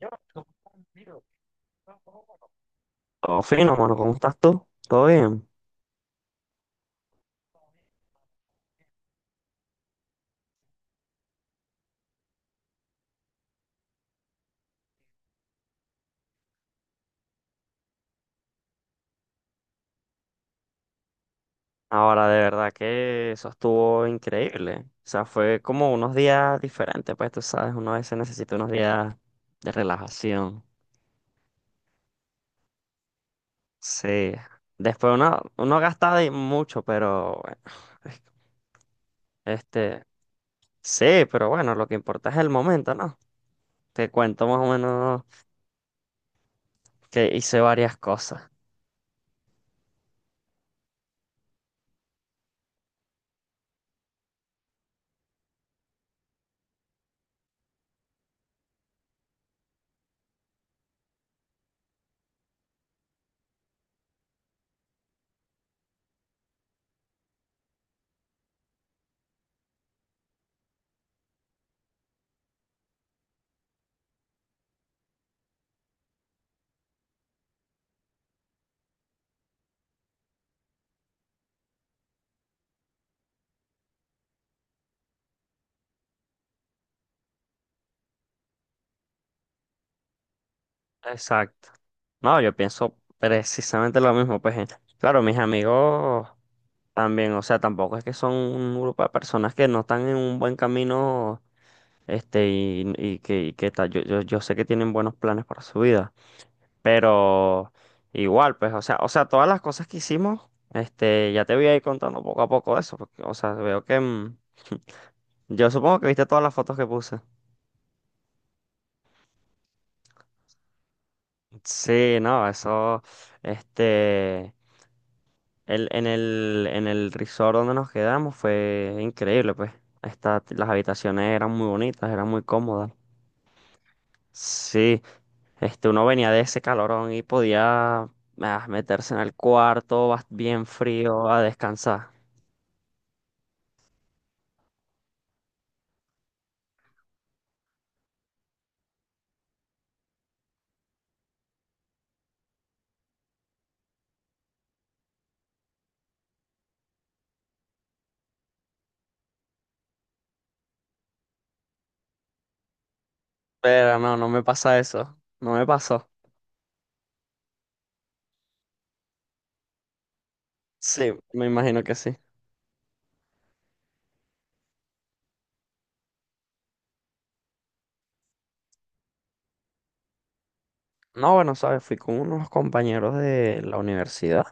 Yo, ¿cómo? Todo fino, mano, ¿cómo estás tú? ¿Todo bien? Ahora, de verdad que eso estuvo increíble. O sea, fue como unos días diferentes, pues tú sabes, uno a veces necesita unos días de relajación. Sí. Después uno gasta de mucho, pero bueno, es- este, sí, pero bueno, lo que importa es el momento, ¿no? Te cuento más o menos que hice varias cosas. Exacto. No, yo pienso precisamente lo mismo, pues. Claro, mis amigos también, o sea, tampoco es que son un grupo de personas que no están en un buen camino, y que, y que tal. Yo sé que tienen buenos planes para su vida, pero igual, pues, o sea, todas las cosas que hicimos, ya te voy a ir contando poco a poco eso, porque, o sea, veo que, yo supongo que viste todas las fotos que puse. Sí, no, eso, este. En el resort donde nos quedamos fue increíble, pues. Las habitaciones eran muy bonitas, eran muy cómodas. Sí, uno venía de ese calorón y podía meterse en el cuarto bien frío a descansar. Pero no, no me pasa eso. No me pasó. Sí, me imagino que sí. No, bueno, sabes, fui con unos compañeros de la universidad,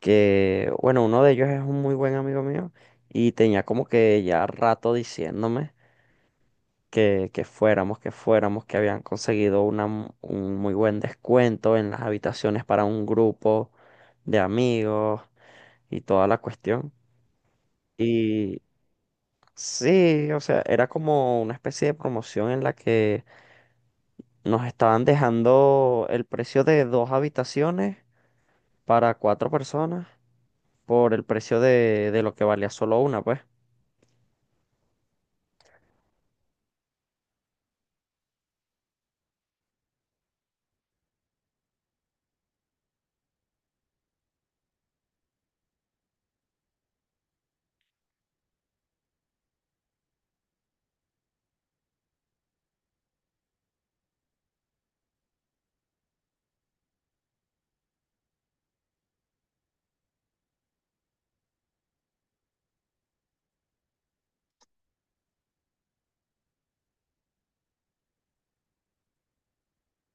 que, bueno, uno de ellos es un muy buen amigo mío y tenía como que ya rato diciéndome que, que fuéramos, que habían conseguido un muy buen descuento en las habitaciones para un grupo de amigos y toda la cuestión. Y sí, o sea, era como una especie de promoción en la que nos estaban dejando el precio de dos habitaciones para cuatro personas por el precio de lo que valía solo una, pues.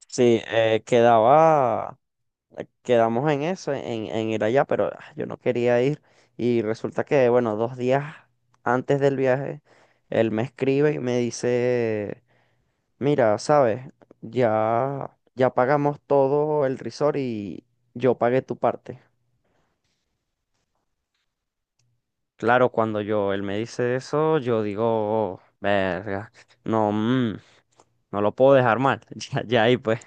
Sí, quedaba Quedamos en eso, en ir allá, pero yo no quería ir. Y resulta que, bueno, dos días antes del viaje, él me escribe y me dice, mira, sabes, ya pagamos todo el resort y yo pagué tu parte. Claro, cuando yo, él me dice eso, yo digo, verga, no, no lo puedo dejar mal. Ya, ya ahí pues.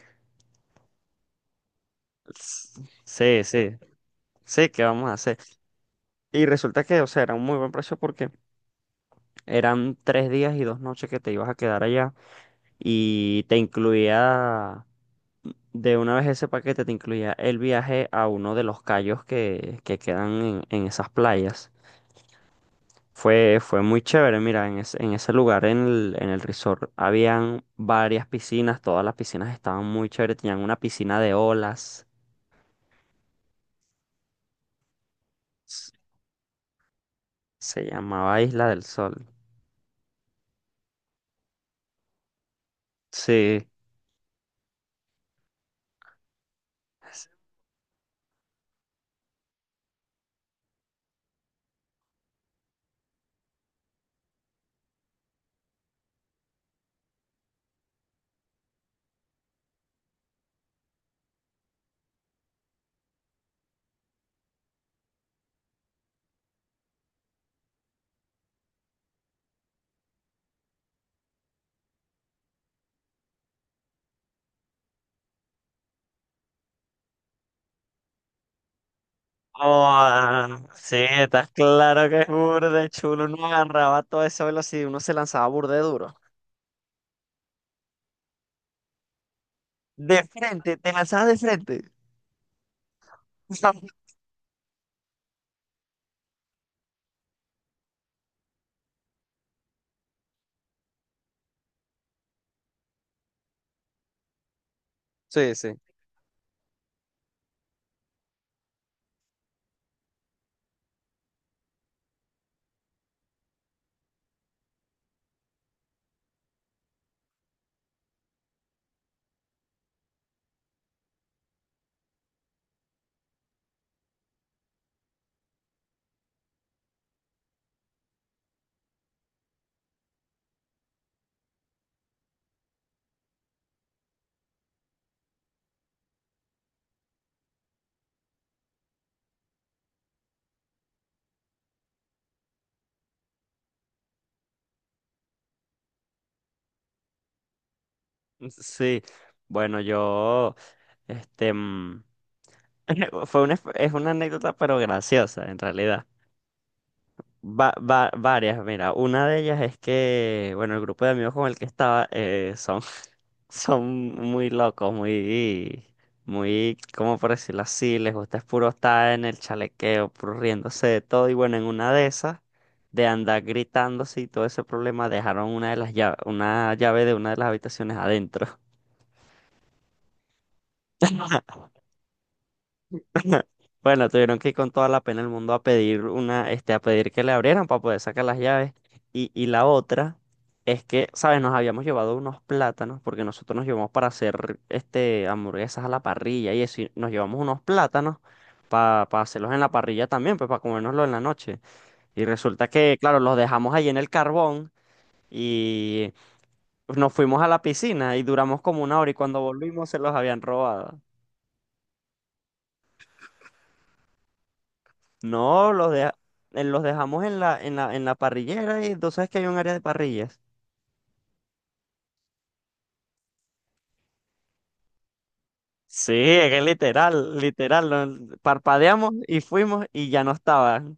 Sí, sí, sí, ¿qué vamos a hacer? Y resulta que, o sea, era un muy buen precio porque eran tres días y dos noches que te ibas a quedar allá y te incluía, de una vez ese paquete, te incluía el viaje a uno de los cayos que quedan en esas playas. Fue muy chévere, mira, en ese lugar, en el resort, habían varias piscinas, todas las piscinas estaban muy chéveres, tenían una piscina de olas, s- se llamaba Isla del Sol. Sí, oh, sí, estás claro que es burde chulo. Uno agarraba todo esa velocidad y uno se lanzaba burde duro. De frente, te lanzabas de frente. Sí, sí. Sí. Bueno, yo, este, mm, es una anécdota, pero graciosa, en realidad. Varias, mira, una de ellas es que, bueno, el grupo de amigos con el que estaba, son muy locos, muy, muy, ¿cómo por decirlo así? Les gusta es puro estar en el chalequeo, puro riéndose de todo. Y bueno, en una de esas, de andar gritándose y todo ese problema, dejaron una de las llaves, una llave de una de las habitaciones adentro. Bueno, tuvieron que ir con toda la pena del mundo a pedir una, a pedir que le abrieran para poder sacar las llaves. Y la otra es que, ¿sabes? Nos habíamos llevado unos plátanos, porque nosotros nos llevamos para hacer este hamburguesas a la parrilla y eso, y nos llevamos unos plátanos para hacerlos en la parrilla también, pues para comérnoslo en la noche. Y resulta que, claro, los dejamos ahí en el carbón y nos fuimos a la piscina y duramos como una hora y cuando volvimos se los habían robado. No, los dejamos en la parrillera y tú sabes que hay un área de parrillas. Sí, es que literal, literal. Parpadeamos y fuimos y ya no estaban.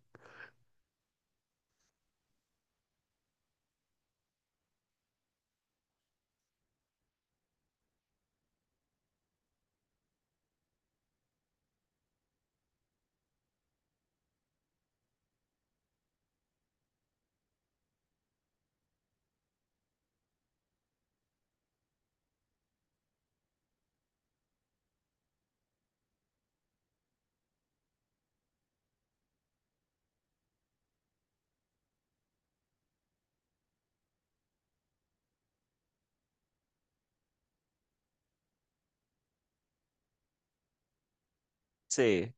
Sí,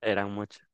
eran muchos.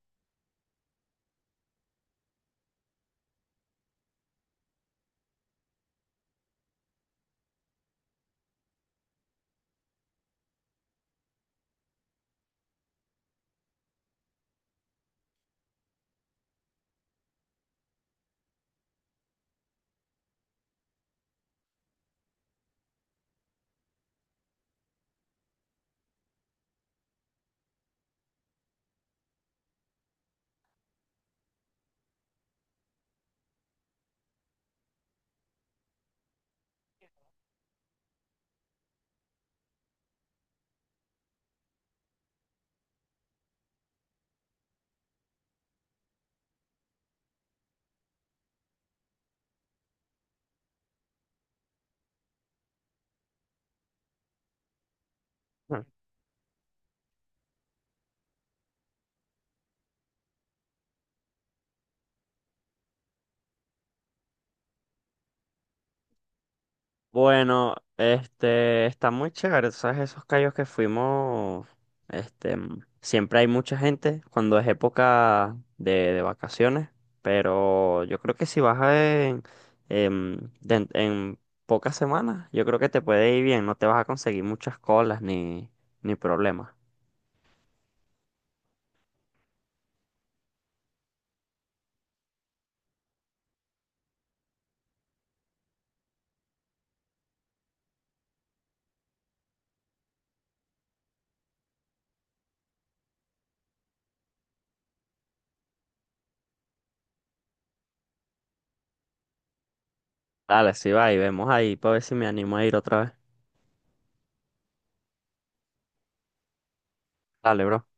Bueno, está muy chévere, ¿sabes? Esos callos que fuimos, siempre hay mucha gente cuando es época de vacaciones, pero yo creo que si vas a en, en pocas semanas, yo creo que te puede ir bien, no te vas a conseguir muchas colas ni, ni problemas. Dale, si va y vemos ahí, para ver si me animo a ir otra vez. Dale, bro.